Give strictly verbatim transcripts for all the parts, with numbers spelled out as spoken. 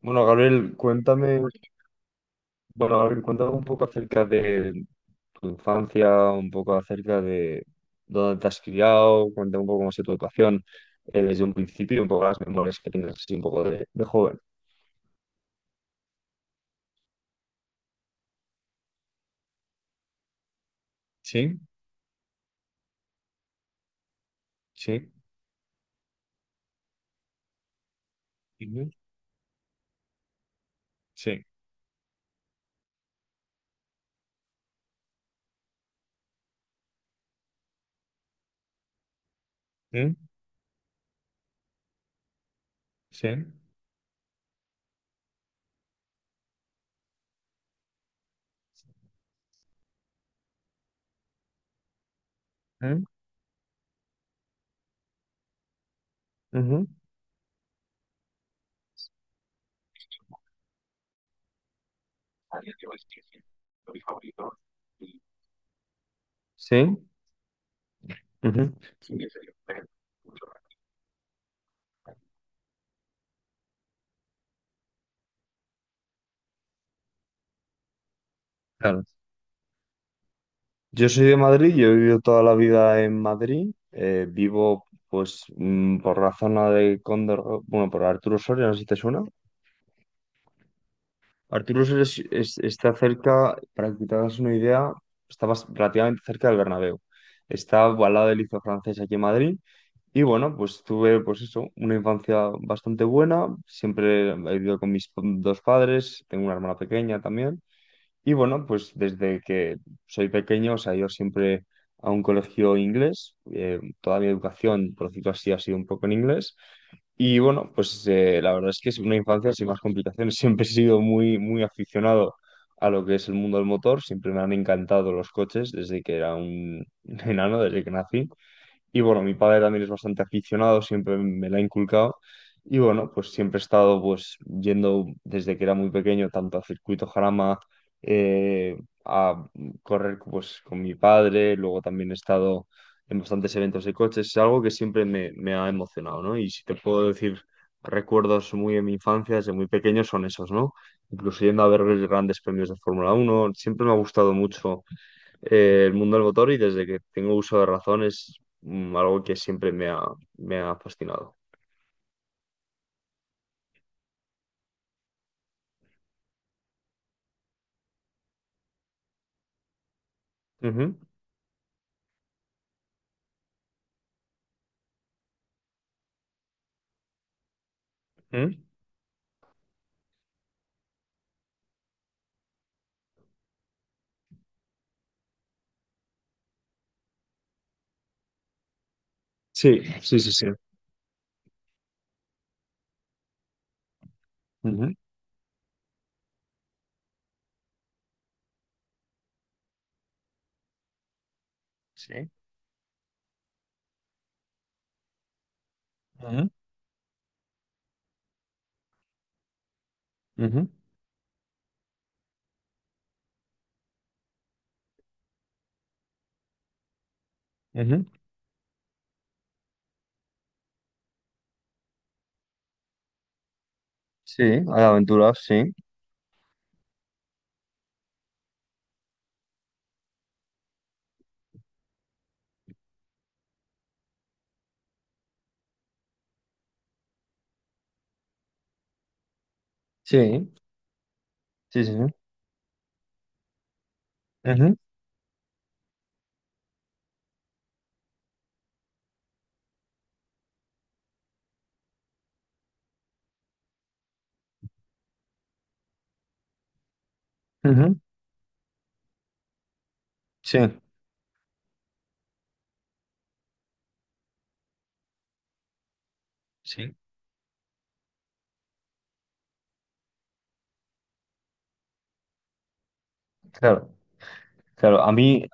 Bueno, Gabriel, cuéntame, bueno, Gabriel, cuéntame un poco acerca de tu infancia, un poco acerca de dónde te has criado, cuéntame un poco cómo ha sido tu educación eh, desde un principio y un poco las memorias que tienes así un poco de, de joven. Sí, sí, ujú, sí, mm, sí, mm. Ujú. Sí, ujú. Claro. Yo soy de Madrid, yo he vivido toda la vida en Madrid. Eh, vivo, pues, mm, por la zona de Cóndor, bueno, por Arturo Soria, no sé si te suena. Arturo Soria es- es- está cerca, para que te hagas una idea, está bas- relativamente cerca del Bernabéu. Está al lado del Liceo Francés aquí en Madrid. Y bueno, pues tuve, pues eso, una infancia bastante buena. Siempre he vivido con mis dos padres, tengo una hermana pequeña también. Y bueno, pues desde que soy pequeño, o sea, yo siempre a un colegio inglés, eh, toda mi educación, por decirlo así, ha sido un poco en inglés. Y bueno, pues eh, la verdad es que es una infancia sin más complicaciones. Siempre he sido muy, muy aficionado a lo que es el mundo del motor. Siempre me han encantado los coches desde que era un enano, desde que nací. Y bueno, mi padre también es bastante aficionado, siempre me la ha inculcado. Y bueno, pues siempre he estado pues yendo desde que era muy pequeño, tanto a circuito Jarama, eh, a correr pues con mi padre, luego también he estado en bastantes eventos de coches, es algo que siempre me, me ha emocionado, ¿no? Y si te puedo decir recuerdos muy de mi infancia, desde muy pequeño, son esos, ¿no? Incluso yendo a ver los grandes premios de Fórmula Uno siempre me ha gustado mucho eh, el mundo del motor y desde que tengo uso de razón es mm, algo que siempre me ha, me ha fascinado. Ujú, ujú. Sí, sí, sí, sí. Ujú, sí. Ujú, ujú, ujú. Sí, hay aventuras, sí. Sí, sí, sí, sí. Ujú, ujú. Sí, sí. Claro, claro. A mí,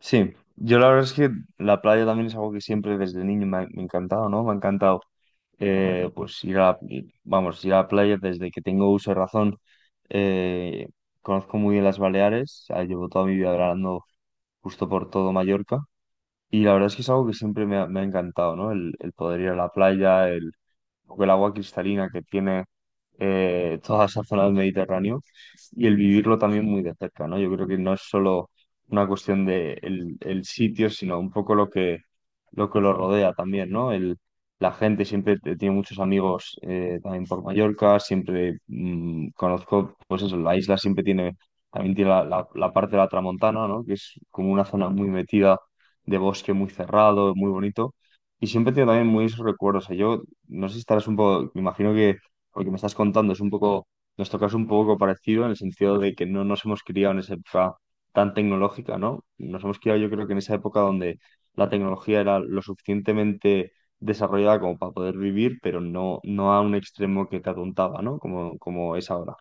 sí. Yo la verdad es que la playa también es algo que siempre desde niño me ha, me ha encantado, ¿no? Me ha encantado eh, pues ir a, vamos, ir a la playa desde que tengo uso de razón. eh, Conozco muy bien las Baleares, ah, llevo toda mi vida grabando justo por todo Mallorca y la verdad es que es algo que siempre me ha, me ha encantado, ¿no? El, el poder ir a la playa, porque el agua cristalina que tiene eh, toda esa zona del Mediterráneo y el vivirlo también muy de cerca, ¿no? Yo creo que no es solo una cuestión de el, el sitio, sino un poco lo que lo que lo rodea también, ¿no? El, la gente siempre te- tiene muchos amigos eh, también por Mallorca, siempre mm, conozco, pues eso, la isla siempre tiene, también tiene la, la- la parte de la Tramontana, ¿no? Que es como una zona muy metida de bosque muy cerrado, muy bonito, y siempre tiene también muy esos recuerdos. O sea, yo no sé si estarás un poco, me imagino que lo que me estás contando es un poco, nuestro caso un poco parecido en el sentido de que no nos hemos criado en esa época tan tecnológica, ¿no? Nos hemos criado yo creo que en esa época donde la tecnología era lo suficientemente desarrollada como para poder vivir, pero no, no a un extremo que te atontaba, ¿no? Como, como es ahora.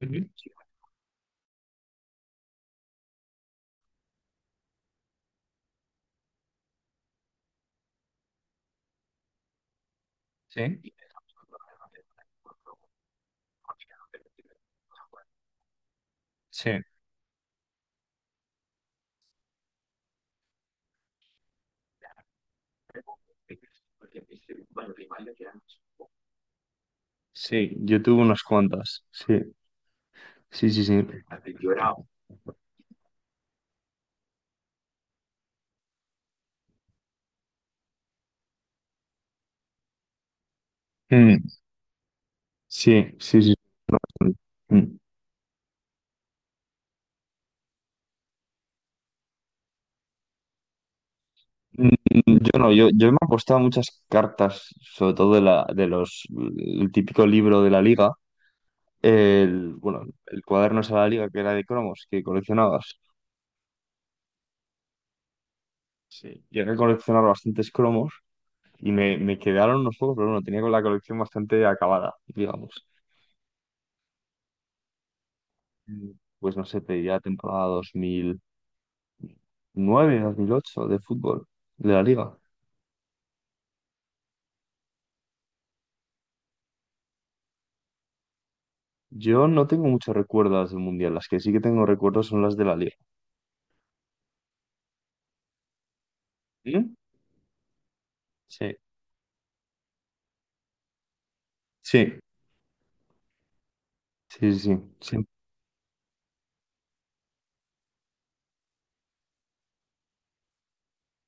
Ujú. Sí, sí. Sí, yo tuve unas cuantas. Sí, sí, sí, sí. Mm. Sí, sí, sí. Mm. Mm. Yo no, yo, yo me he apostado muchas cartas, sobre todo de la, de los, el típico libro de la liga, el, bueno, el cuaderno ese de la liga que era de cromos, que coleccionabas. Sí. Llegué a coleccionar bastantes cromos y me, me quedaron unos pocos, pero bueno, tenía con la colección bastante acabada, digamos. Mm. Pues no sé, te diría temporada dos mil nueve, dos mil ocho de fútbol, de la liga. Yo no tengo muchos recuerdos del mundial, las que sí que tengo recuerdos son las de la liga. ¿Mm? ¿Sí? Sí. Sí, sí, sí.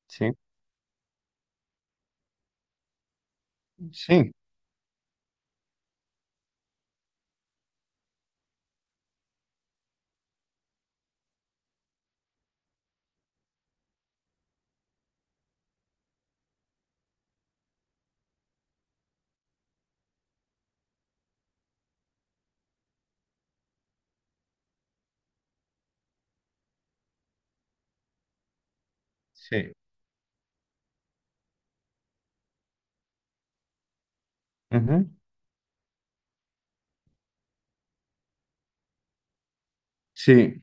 Sí, sí, sí, ujú. Sí,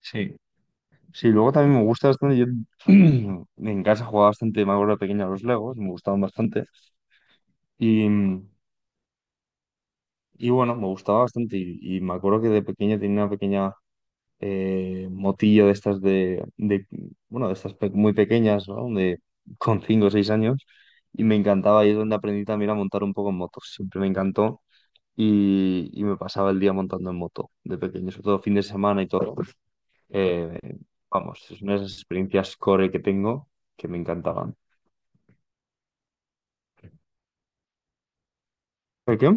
sí, sí. Luego también me gusta bastante. Yo en casa jugaba bastante, me acuerdo de pequeño a los Legos, me gustaban bastante. Y, y bueno, me gustaba bastante. Y, y me acuerdo que de pequeño tenía una pequeña eh, motillo de estas de, de- bueno, de estas pe- muy pequeñas, ¿no? De, con cinco o seis años. Y me encantaba. Y es donde aprendí también a montar un poco en motos. Siempre me encantó. Y, y me pasaba el día montando en moto de pequeño, sobre todo fin de semana y todo. Eh, vamos, es una de las experiencias core que tengo que me encantaban. ¿El qué?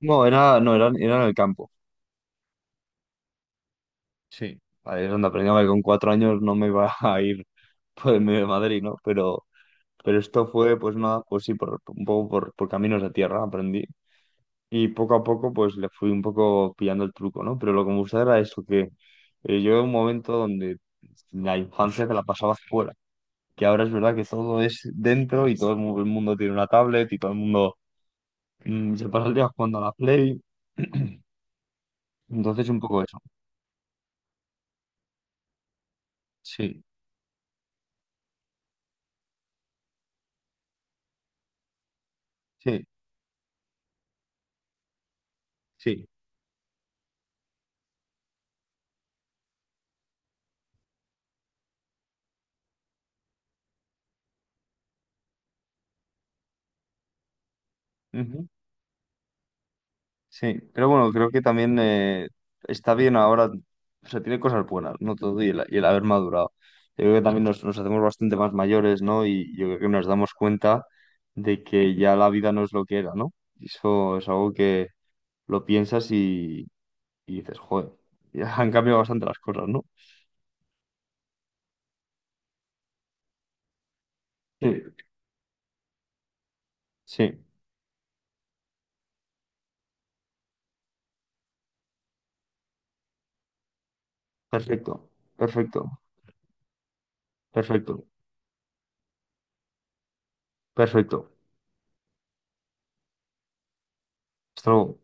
No, era, no, era, era en el campo. Vale, es donde aprendí que con cuatro años no me iba a ir por el medio de Madrid, ¿no? Pero, pero esto fue, pues nada, pues sí, por, un poco por, por caminos de tierra aprendí. Y poco a poco, pues le fui un poco pillando el truco, ¿no? Pero lo que me gustaba era eso, que eh, yo en un momento donde la infancia te la pasaba fuera, que ahora es verdad que todo es dentro y todo el mu- el mundo tiene una tablet y todo el mundo Mm, se pasa el día jugando a la Play. Entonces, un poco eso. Sí, sí, sí. Ujú. Sí, pero bueno, creo que también eh, está bien ahora. O sea, tiene cosas buenas, ¿no? Todo y el, y el haber madurado. Yo creo que también nos, nos hacemos bastante más mayores, ¿no? Y yo creo que nos damos cuenta de que ya la vida no es lo que era, ¿no? Y eso es algo que lo piensas y, y dices, joder, ya han cambiado bastante las cosas, ¿no? Sí, sí. Perfecto, perfecto, perfecto, perfecto. Esto